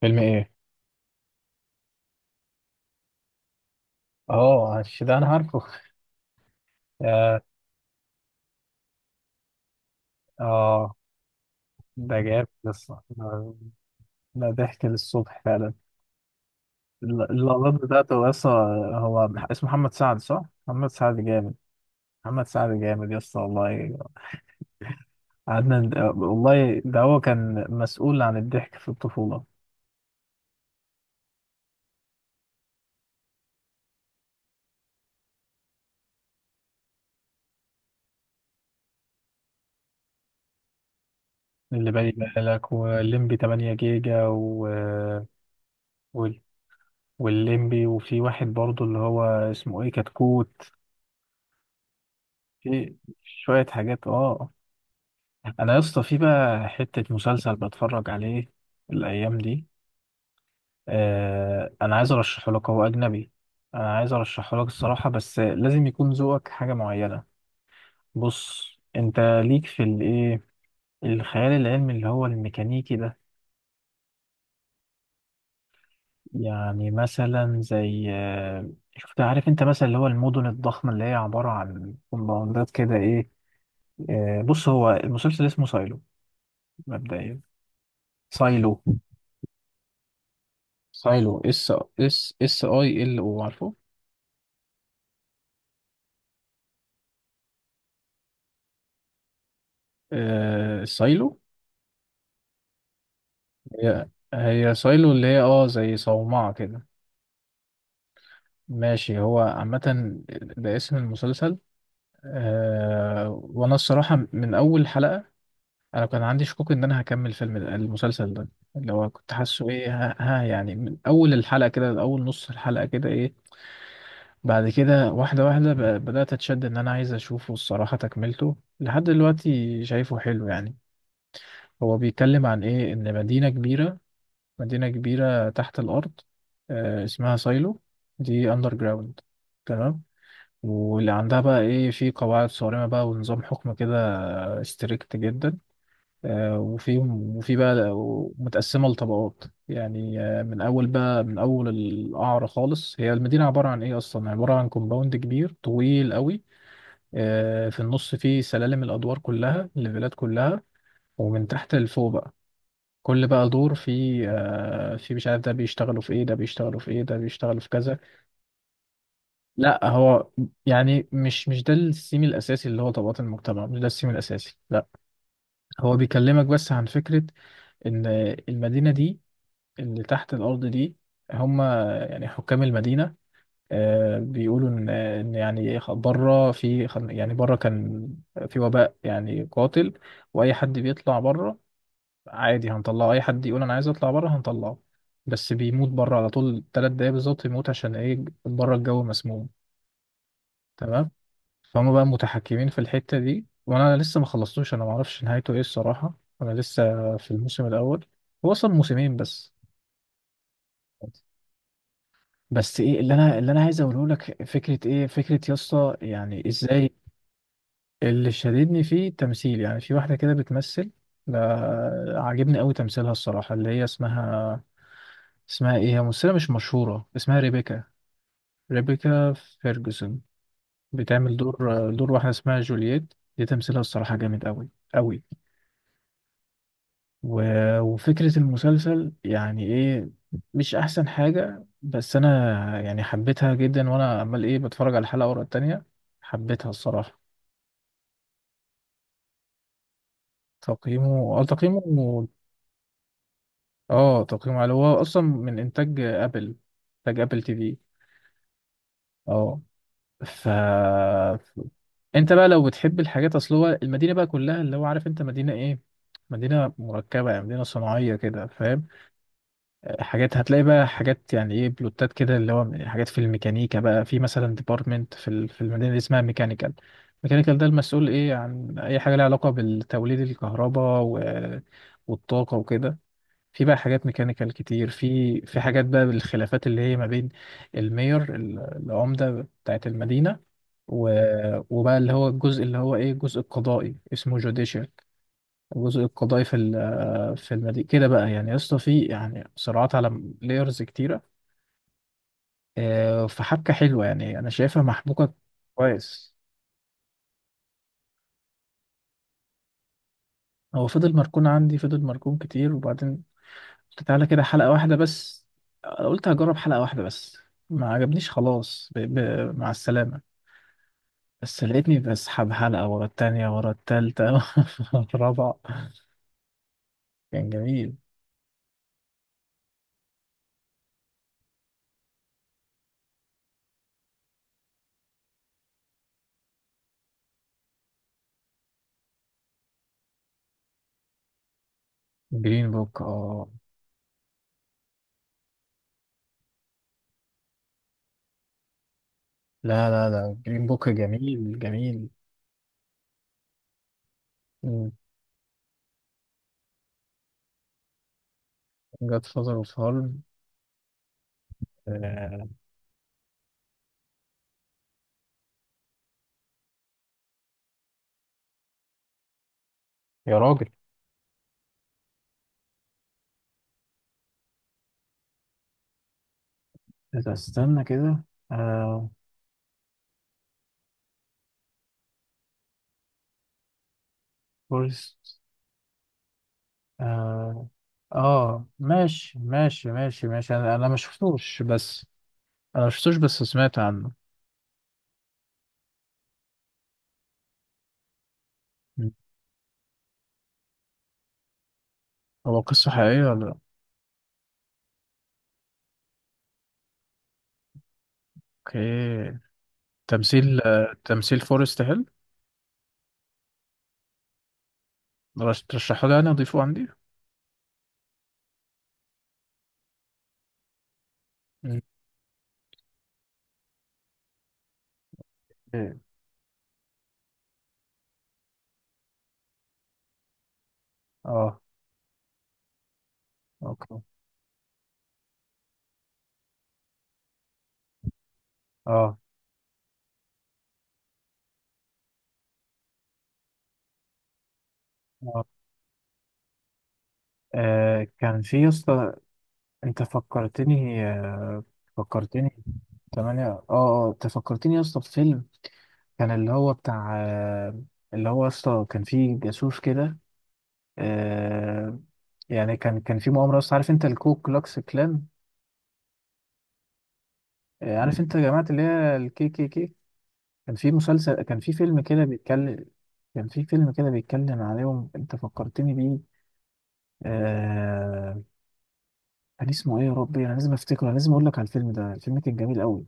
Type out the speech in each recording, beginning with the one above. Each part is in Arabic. فيلم ايه؟ اه ده انا عارفه. يا- اه ده جامد لسه ده. ده ضحك للصبح فعلا. اللقطات بتاعته لسه. هو اسمه محمد سعد صح؟ محمد سعد جامد. محمد سعد جامد يسطا والله. قعدنا والله، ده هو كان مسؤول عن الضحك في الطفولة، اللي بالي بالك، والليمبي 8 جيجا وال... والليمبي. وفي واحد برضه اللي هو اسمه ايه، كتكوت. في شوية حاجات، اه. انا يا اسطى في بقى حته مسلسل بتفرج عليه الايام دي. انا عايز ارشحه لك، هو اجنبي. انا عايز ارشحه لك الصراحه، بس لازم يكون ذوقك حاجه معينه. بص، انت ليك في الايه، الخيال العلمي اللي هو الميكانيكي ده. يعني مثلا زي شفت، عارف انت مثلا اللي هو المدن الضخمه اللي هي عباره عن كومباوندات كده ايه. بص، هو المسلسل اسمه سايلو، مبدئيا. سايلو. سايلو اس، اس اي ال او، عارفه. سايلو. هي هي سايلو اللي هي زي صومعة كده. ماشي، هو عامة ده اسم المسلسل. وانا الصراحة من اول حلقة، انا كان عندي شكوك ان انا هكمل المسلسل ده، اللي هو كنت حاسه ايه، ها، يعني من اول الحلقة كده، اول نص الحلقة كده ايه. بعد كده، واحدة واحدة، بدأت اتشد ان انا عايز اشوفه الصراحة، تكملته لحد دلوقتي شايفه حلو يعني. هو بيتكلم عن ايه، ان مدينة كبيرة، مدينة كبيرة تحت الأرض، اسمها سايلو، دي أندر جراوند. تمام. واللي عندها بقى إيه، في قواعد صارمة بقى ونظام حكم كده ستريكت جدا. وفي بقى متقسمة لطبقات يعني، من أول بقى من أول القعر خالص، هي المدينة عبارة عن إيه، أصلا عبارة عن كومباوند كبير طويل قوي. في النص فيه سلالم، الأدوار كلها، الليفلات كلها، ومن تحت لفوق بقى. كل بقى دور في مش عارف، ده بيشتغلوا في ايه، ده بيشتغلوا في ايه، ده بيشتغلوا في كذا. لا، هو يعني مش ده السيم الاساسي، اللي هو طبقات المجتمع مش ده السيم الاساسي، لا. هو بيكلمك بس عن فكرة، ان المدينة دي، اللي تحت الارض دي، هم يعني حكام المدينة، بيقولوا ان يعني بره في، يعني بره كان في وباء يعني قاتل، واي حد بيطلع بره عادي هنطلعه، اي حد يقول انا عايز اطلع بره هنطلعه، بس بيموت بره على طول، تلات دقايق بالظبط يموت، عشان ايه، بره الجو مسموم. تمام. فهم بقى متحكمين في الحتة دي، وانا لسه ما خلصتوش، انا ما اعرفش نهايته ايه الصراحة، انا لسه في الموسم الاول، هو اصلا موسمين بس. بس ايه اللي انا عايز اقوله لك، فكرة ايه، فكرة يا اسطى يعني ازاي. اللي شددني فيه تمثيل، يعني في واحدة كده بتمثل، عاجبني قوي تمثيلها الصراحة، اللي هي اسمها، اسمها ايه، هي ممثلة مش مشهورة، اسمها ريبيكا. ريبيكا فيرجسون. بتعمل دور واحدة اسمها جولييت، دي تمثيلها الصراحة جامد أوي، أوي. و... وفكرة المسلسل يعني ايه، مش أحسن حاجة، بس أنا يعني حبيتها جدا، وأنا عمال ايه بتفرج على الحلقة ورا التانية. حبيتها الصراحة. تقييمه. اه، تقييمه على، هو أصلا من إنتاج أبل، إنتاج أبل تي في. اه. ف انت بقى لو بتحب الحاجات، اصل هو المدينه بقى كلها اللي هو عارف انت مدينه ايه، مدينه مركبه يعني، مدينه صناعيه كده، فاهم. حاجات هتلاقي بقى، حاجات يعني ايه، بلوتات كده، اللي هو حاجات في الميكانيكا بقى، في مثلا ديبارتمنت في المدينه اللي اسمها ميكانيكال. ميكانيكال ده المسؤول ايه عن اي حاجه لها علاقه بالتوليد الكهرباء والطاقه وكده. في بقى حاجات ميكانيكال كتير، في حاجات بقى بالخلافات اللي هي ما بين المير العمده بتاعت المدينه، و... وبقى اللي هو الجزء اللي هو ايه، الجزء القضائي اسمه جوديشال. الجزء القضائي في المدينة كده بقى، يعني يا اسطى، في يعني صراعات على لايرز كتيرة، فحبكة حلوة، يعني انا شايفها محبوكة. كويس. هو فضل مركون عندي، فضل مركون كتير، وبعدين قلت تعالى كده حلقة واحدة بس، أنا قلت هجرب حلقة واحدة بس، ما عجبنيش خلاص، مع السلامة. بس لقيتني بسحب حلقة ورا التانية، ورا التالتة ورا الرابعة. كان جميل. جرين بوك، اه. لا لا لا، جرين بوك جميل، جميل. جاد فازر اوف هارم. يا راجل. إذا استنى كده، آه. فورست، آه, اه، ماشي ماشي ماشي ماشي، انا ما شفتوش، بس انا ما شفتوش، بس سمعت عنه. م. هو قصة حقيقية ولا لأ؟ اوكي. تمثيل فورست هيل. ترشحه لي يعني، اضيفه عندي. م. إيه. اه، اوكي، اه، اه، كان في يسطا، انت فكرتني. تمانية، اه، اه، انت فكرتني يا اسطى بفيلم، كان اللي هو بتاع، اللي هو يا اسطى كان فيه جاسوس كده. آه، يعني كان في مؤامرة يا اسطى، عارف انت الكو كلوكس كلان، عارف انت يا جماعة اللي هي الـKKK. كان في فيلم كده بيتكلم، كان في فيلم كده بيتكلم عليهم، انت فكرتني بيه، آه، كان اسمه ايه يا ربي، انا لازم افتكره، انا لازم اقول لك على الفيلم ده، الفيلم كان جميل قوي.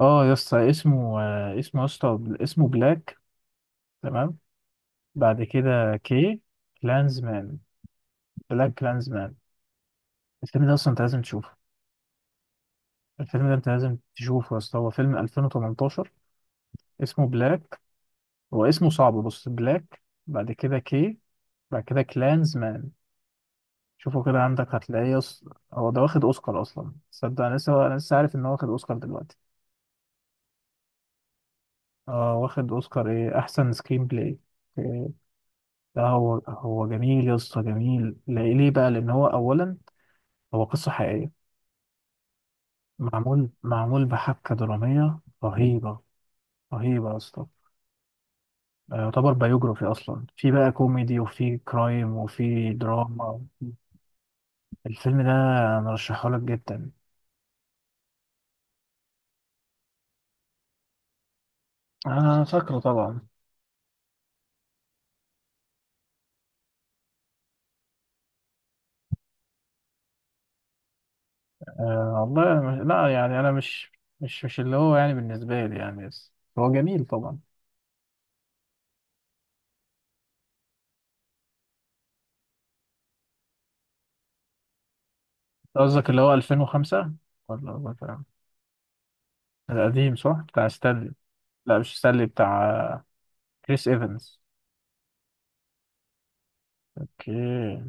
اه يا اسطى اسمه، يا اسطى اسمه بلاك. تمام. بعد كده كي. كلانزمان. بلاك كلانزمان. الفيلم ده اصلا انت لازم تشوفه، الفيلم ده انت لازم تشوفه يا اسطى، هو فيلم 2018، اسمه بلاك. هو اسمه صعب، بص، بلاك، بعد كده كي، بعد كده كلانزمان. شوفه كده عندك، هتلاقيه يا اسطى، هو ده واخد اوسكار اصلا، تصدق انا لسه عارف ان هو واخد اوسكار دلوقتي. اه، واخد اوسكار ايه، احسن سكرين بلاي. لا، هو جميل يا اسطى، جميل، ليه بقى، لان هو اولا هو قصه حقيقيه، معمول معمول بحبكه دراميه رهيبه، رهيبه يا اسطى. يعتبر بايوجرافي اصلا، في بقى كوميدي، وفي كرايم، وفي دراما. الفيلم ده انا رشحه لك جدا. انا فاكره طبعا. أه والله، أنا مش... لا، يعني انا مش اللي هو يعني بالنسبه لي يعني، بس هو جميل طبعا. قصدك اللي هو 2005 ولا القديم؟ صح، بتاع ستانلي. لا، مش ستانلي، بتاع كريس ايفنز. اوكي.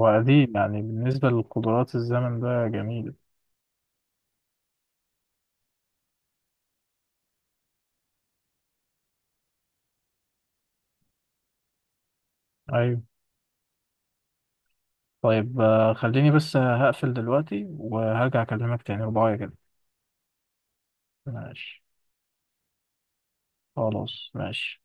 هو قديم يعني، بالنسبة للقدرات الزمن ده جميل. ايوه. طيب، خليني بس هقفل دلوقتي وهرجع اكلمك تاني رباية كده. ماشي. خلاص ماشي.